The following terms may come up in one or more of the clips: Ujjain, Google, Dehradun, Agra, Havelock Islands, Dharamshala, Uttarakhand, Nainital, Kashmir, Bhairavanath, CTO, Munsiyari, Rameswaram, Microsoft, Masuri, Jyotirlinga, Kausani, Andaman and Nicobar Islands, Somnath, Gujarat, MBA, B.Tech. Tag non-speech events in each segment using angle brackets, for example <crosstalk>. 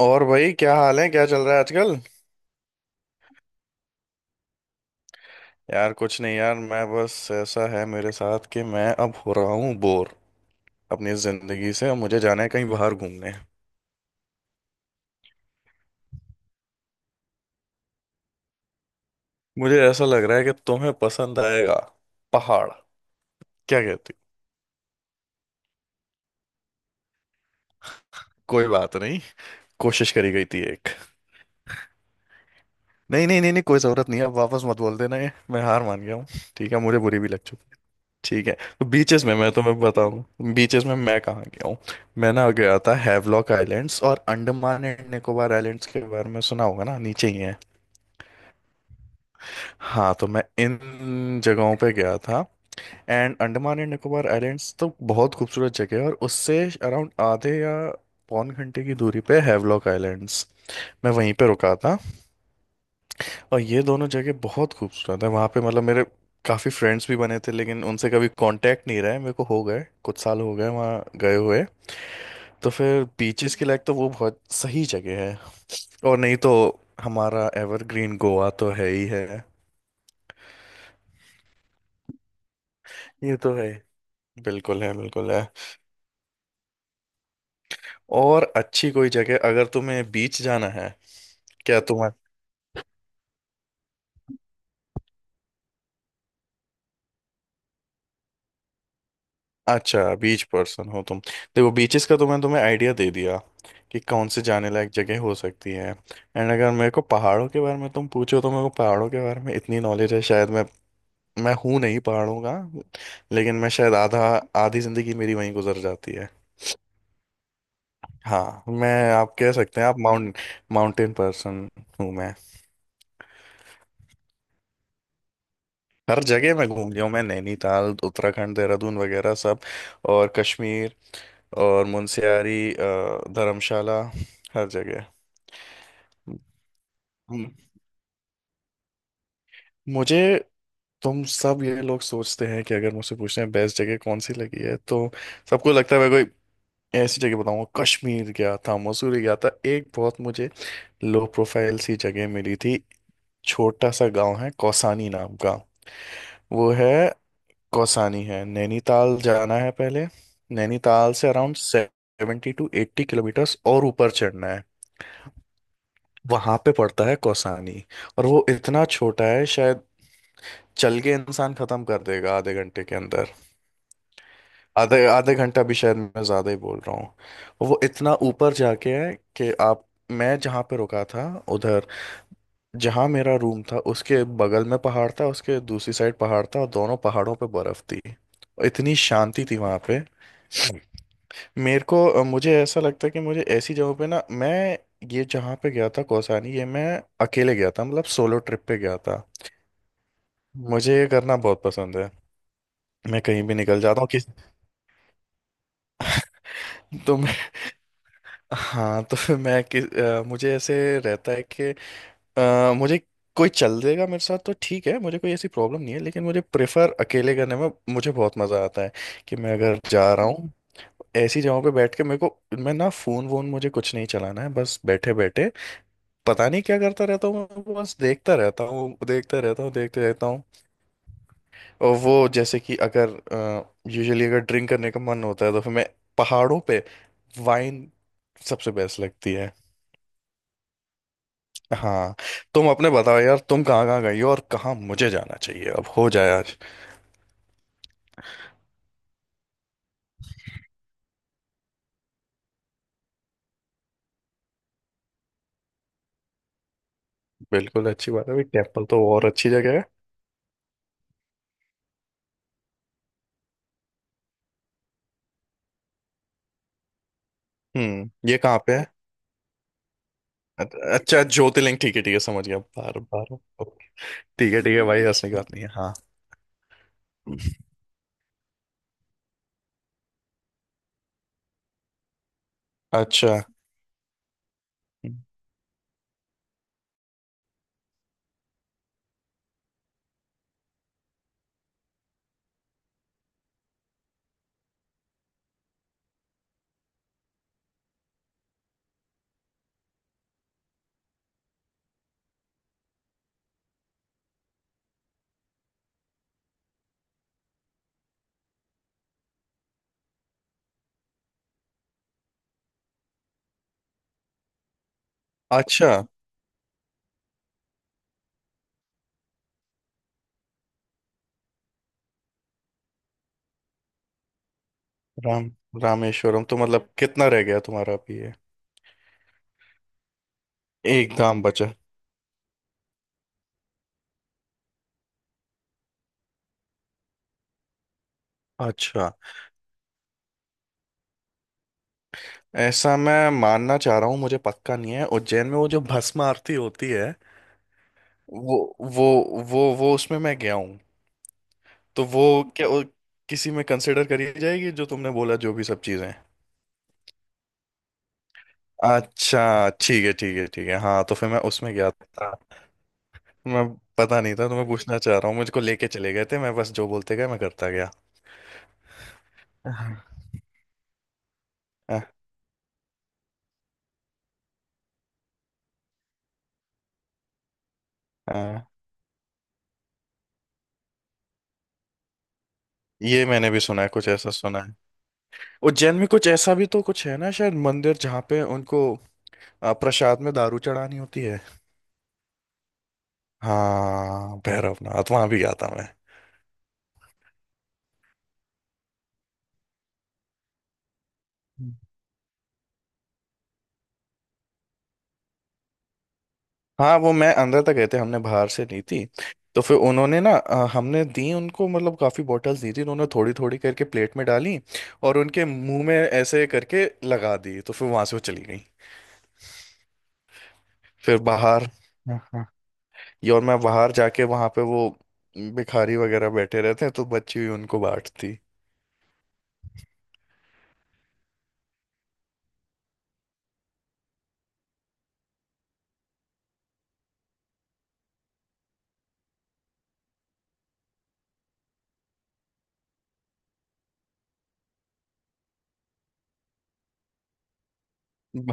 और भाई, क्या हाल है? क्या चल रहा है आजकल? यार कुछ नहीं यार, मैं बस ऐसा है मेरे साथ कि मैं अब हो रहा हूँ बोर अपनी जिंदगी से, और मुझे जाना है कहीं बाहर घूमने। मुझे ऐसा लग रहा है कि तुम्हें पसंद आएगा पहाड़। क्या कहती हो? कोई बात नहीं। कोशिश करी गई थी एक। नहीं नहीं नहीं नहीं, कोई जरूरत नहीं है, अब वापस मत बोल देना ये, मैं हार मान गया हूँ। ठीक है, मुझे बुरी भी लग चुकी। ठीक है, तो बीचेस में मैं तुम्हें बताऊं, बीचेस में मैं कहाँ गया हूँ। मैं ना गया था हैवलॉक आइलैंड्स, और अंडमान एंड निकोबार आइलैंड्स के बारे में सुना होगा ना, नीचे ही है। हाँ, तो मैं इन जगहों पे गया था। And Andaman and Nicobar islands तो बहुत खूबसूरत जगह है, और उससे अराउंड आधे या पौन घंटे की दूरी पे हैवलॉक आइलैंड्स। मैं वहीं पे रुका था। और ये दोनों जगह बहुत खूबसूरत है, वहाँ पे मतलब मेरे काफ़ी फ्रेंड्स भी बने थे, लेकिन उनसे कभी कांटेक्ट नहीं रहा है मेरे को, हो गए कुछ साल हो गए वहाँ गए हुए। तो फिर बीचेस के लायक तो वो बहुत सही जगह है। और नहीं तो हमारा एवरग्रीन गोवा तो है ही है। ये तो है। बिल्कुल है, बिल्कुल है। और अच्छी कोई जगह अगर तुम्हें बीच जाना है। क्या तुम्हें। अच्छा, बीच पर्सन हो तुम। देखो बीचेस का तो मैं तुम्हें आइडिया दे दिया कि कौन से जाने लायक जगह हो सकती है। एंड अगर मेरे को पहाड़ों के बारे में तुम पूछो, तो मेरे को पहाड़ों के बारे में इतनी नॉलेज है, शायद मैं हूँ नहीं पहाड़ों का। लेकिन मैं शायद आधा आधी जिंदगी मेरी वहीं गुजर जाती है। हाँ, मैं आप कह सकते हैं, आप माउंटेन पर्सन हूँ मैं। हर जगह मैं घूम लिया हूँ, मैं नैनीताल, उत्तराखंड, देहरादून वगैरह सब, और कश्मीर, और मुनस्यारी, धर्मशाला, हर जगह। हम्म, मुझे तुम सब ये लोग सोचते हैं कि अगर मुझसे पूछते हैं बेस्ट जगह कौन सी लगी है, तो सबको लगता है मैं कोई ऐसी जगह बताऊंगा, कश्मीर गया था, मसूरी गया था। एक बहुत मुझे लो प्रोफाइल सी जगह मिली थी, छोटा सा गांव है कौसानी नाम का। वो है कौसानी है, नैनीताल जाना है पहले, नैनीताल से अराउंड 70-80 किलोमीटर्स और ऊपर चढ़ना है। वहां पे पड़ता है कौसानी। और वो इतना छोटा है, शायद चल के इंसान खत्म कर देगा आधे घंटे के अंदर। आधे आधे घंटा भी शायद मैं ज्यादा ही बोल रहा हूँ। वो इतना ऊपर जाके है कि आप, मैं जहाँ पे रुका था उधर, जहाँ मेरा रूम था उसके बगल में पहाड़ था, उसके दूसरी साइड पहाड़ था, और दोनों पहाड़ों पे बर्फ थी। इतनी शांति थी वहां पे। मुझे ऐसा लगता है कि मुझे ऐसी जगहों पे ना, मैं ये जहाँ पे गया था कौसानी, ये मैं अकेले गया था, मतलब सोलो ट्रिप पे गया था। मुझे ये करना बहुत पसंद है, मैं कहीं भी निकल जाता हूँ। किस तो मैं <laughs> हाँ, तो फिर मैं मुझे ऐसे रहता है कि मुझे कोई चल देगा मेरे साथ तो ठीक है, मुझे कोई ऐसी प्रॉब्लम नहीं है, लेकिन मुझे प्रेफर अकेले करने में मुझे बहुत मज़ा आता है कि मैं अगर जा रहा हूँ ऐसी जगहों पे बैठ के, मेरे को मैं ना फोन वोन मुझे कुछ नहीं चलाना है, बस बैठे बैठे पता नहीं क्या करता रहता हूँ मैं, बस देखता रहता हूँ, देखता रहता हूँ, देखते रहता हूँ। और वो जैसे कि अगर यूजुअली अगर ड्रिंक करने का मन होता है, तो फिर मैं पहाड़ों पे वाइन सबसे बेस्ट लगती है। हाँ। तुम अपने बताओ यार, तुम कहाँ कहाँ गई हो और कहाँ मुझे जाना चाहिए, अब हो जाए आज। बिल्कुल, अच्छी बात है भाई, टेम्पल तो और अच्छी जगह है। हम्म, ये कहाँ पे है? अ- अच्छा, ज्योतिर्लिंग, ठीक है ठीक है, समझ गया। बार बार ठीक है भाई, हंसने की बात नहीं है हाँ। अच्छा। अच्छा। राम रामेश्वरम तो मतलब कितना रह गया तुम्हारा अभी ये? एक धाम बचा? अच्छा। ऐसा मैं मानना चाह रहा हूँ, मुझे पक्का नहीं है, उज्जैन में वो जो भस्म आरती होती है, वो वो वो उसमें मैं गया हूँ। तो वो, क्या वो किसी में कंसिडर करी जाएगी जो तुमने बोला जो भी सब चीजें? अच्छा, ठीक है ठीक है ठीक है, हाँ तो फिर मैं उसमें गया था। मैं पता नहीं था, तो मैं पूछना चाह रहा हूँ, मुझको लेके चले गए थे, मैं बस जो बोलते गए मैं करता गया। हाँ। अ, अ, ये मैंने भी सुना है, कुछ ऐसा सुना। उज्जैन में कुछ ऐसा भी तो कुछ है ना शायद मंदिर जहाँ पे उनको प्रसाद में दारू चढ़ानी होती है। हाँ भैरवनाथ, वहां भी गया था मैं। हाँ वो मैं अंदर तक गए थे, हमने बाहर से ली थी। तो फिर उन्होंने ना हमने दी उनको, मतलब काफ़ी बॉटल्स दी थी, उन्होंने थोड़ी थोड़ी करके प्लेट में डाली और उनके मुंह में ऐसे करके लगा दी, तो फिर वहां से वो चली गई। फिर बाहर, हाँ, हाँ। ये, और मैं बाहर जाके वहां पे वो भिखारी वगैरह बैठे रहते हैं, तो बच्ची हुई उनको बांटती।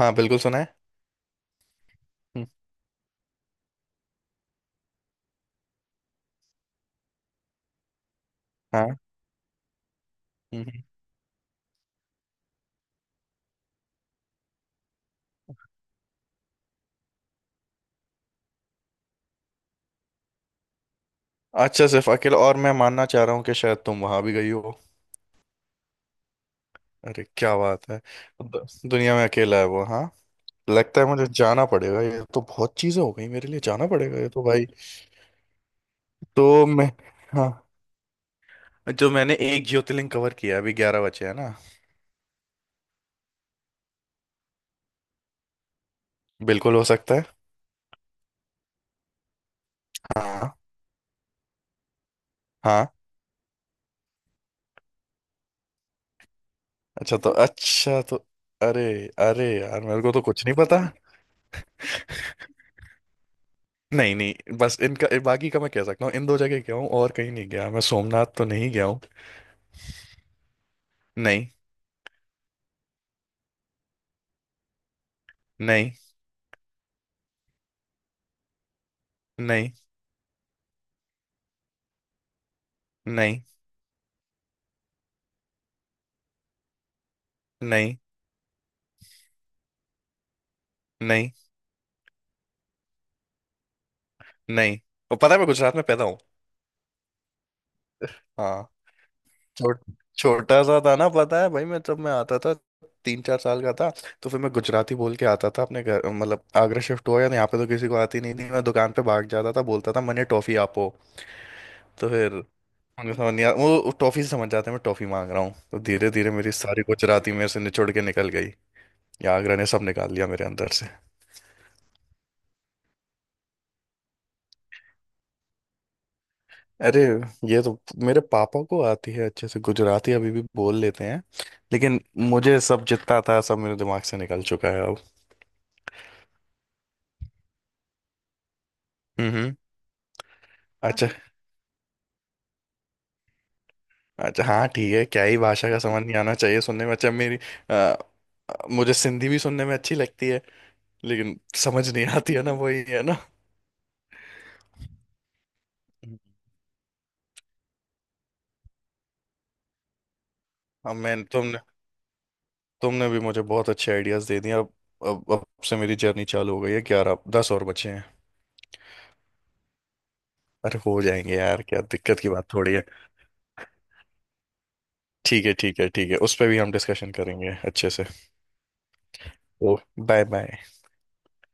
हाँ बिल्कुल सुना है। हम्म, हाँ। हम्म, हम्म। अच्छा, सिर्फ अकेला? और मैं मानना चाह रहा हूँ कि शायद तुम वहां भी गई हो। अरे क्या बात है! दु- दुनिया में अकेला है वो, हाँ। लगता है मुझे जाना पड़ेगा, ये तो बहुत चीजें हो गई मेरे लिए, जाना पड़ेगा ये तो भाई। तो मैं, हाँ, जो मैंने एक ज्योतिर्लिंग कवर किया है, अभी 11 बचे हैं ना। बिल्कुल हो सकता है। हाँ। हाँ। अच्छा तो अरे, अरे यार, मेरे को तो कुछ नहीं पता। नहीं नहीं, बस इनका बाकी का मैं कह सकता हूँ इन दो जगह गया हूँ, और कहीं नहीं गया मैं। सोमनाथ तो नहीं गया हूँ। नहीं। नहीं। नहीं। नहीं। नहीं। नहीं। नहीं। नहीं, और पता है मैं गुजरात में पैदा हूँ। हाँ। छोट छोटा सा था ना, पता है भाई, मैं जब मैं आता था 3-4 साल का था। तो फिर मैं गुजराती बोल के आता था, अपने घर मतलब आगरा शिफ्ट हुआ या यहाँ पे तो किसी को आती नहीं थी, मैं दुकान पे भाग जाता था, बोलता था मैंने टॉफी आपो। तो फिर उनको समझ नहीं आ, वो टॉफी से समझ जाते हैं मैं टॉफी मांग रहा हूँ। तो धीरे धीरे मेरी सारी गुजराती मेरे से निचोड़ के निकल गई, या आगरा ने सब निकाल लिया मेरे अंदर से। अरे ये तो, मेरे पापा को आती है, अच्छे से गुजराती अभी भी बोल लेते हैं। लेकिन मुझे सब जितना था सब मेरे दिमाग से निकल चुका है अब। हम्म। अच्छा। अच्छा हाँ, ठीक है, क्या ही भाषा का समझ नहीं आना चाहिए सुनने में। अच्छा मेरी, अ, मुझे सिंधी भी सुनने में अच्छी लगती है, लेकिन समझ नहीं आती है ना, वही है ना। हम्म। अब मैं, तुमने तुमने भी मुझे बहुत अच्छे आइडियाज दे दिए। अब से मेरी जर्नी चालू हो गई है, 11 10 और बचे हैं। अरे हो जाएंगे यार, क्या दिक्कत की बात थोड़ी है। ठीक है ठीक है ठीक है, उस पर भी हम डिस्कशन करेंगे अच्छे से। ओ, बाय बाय।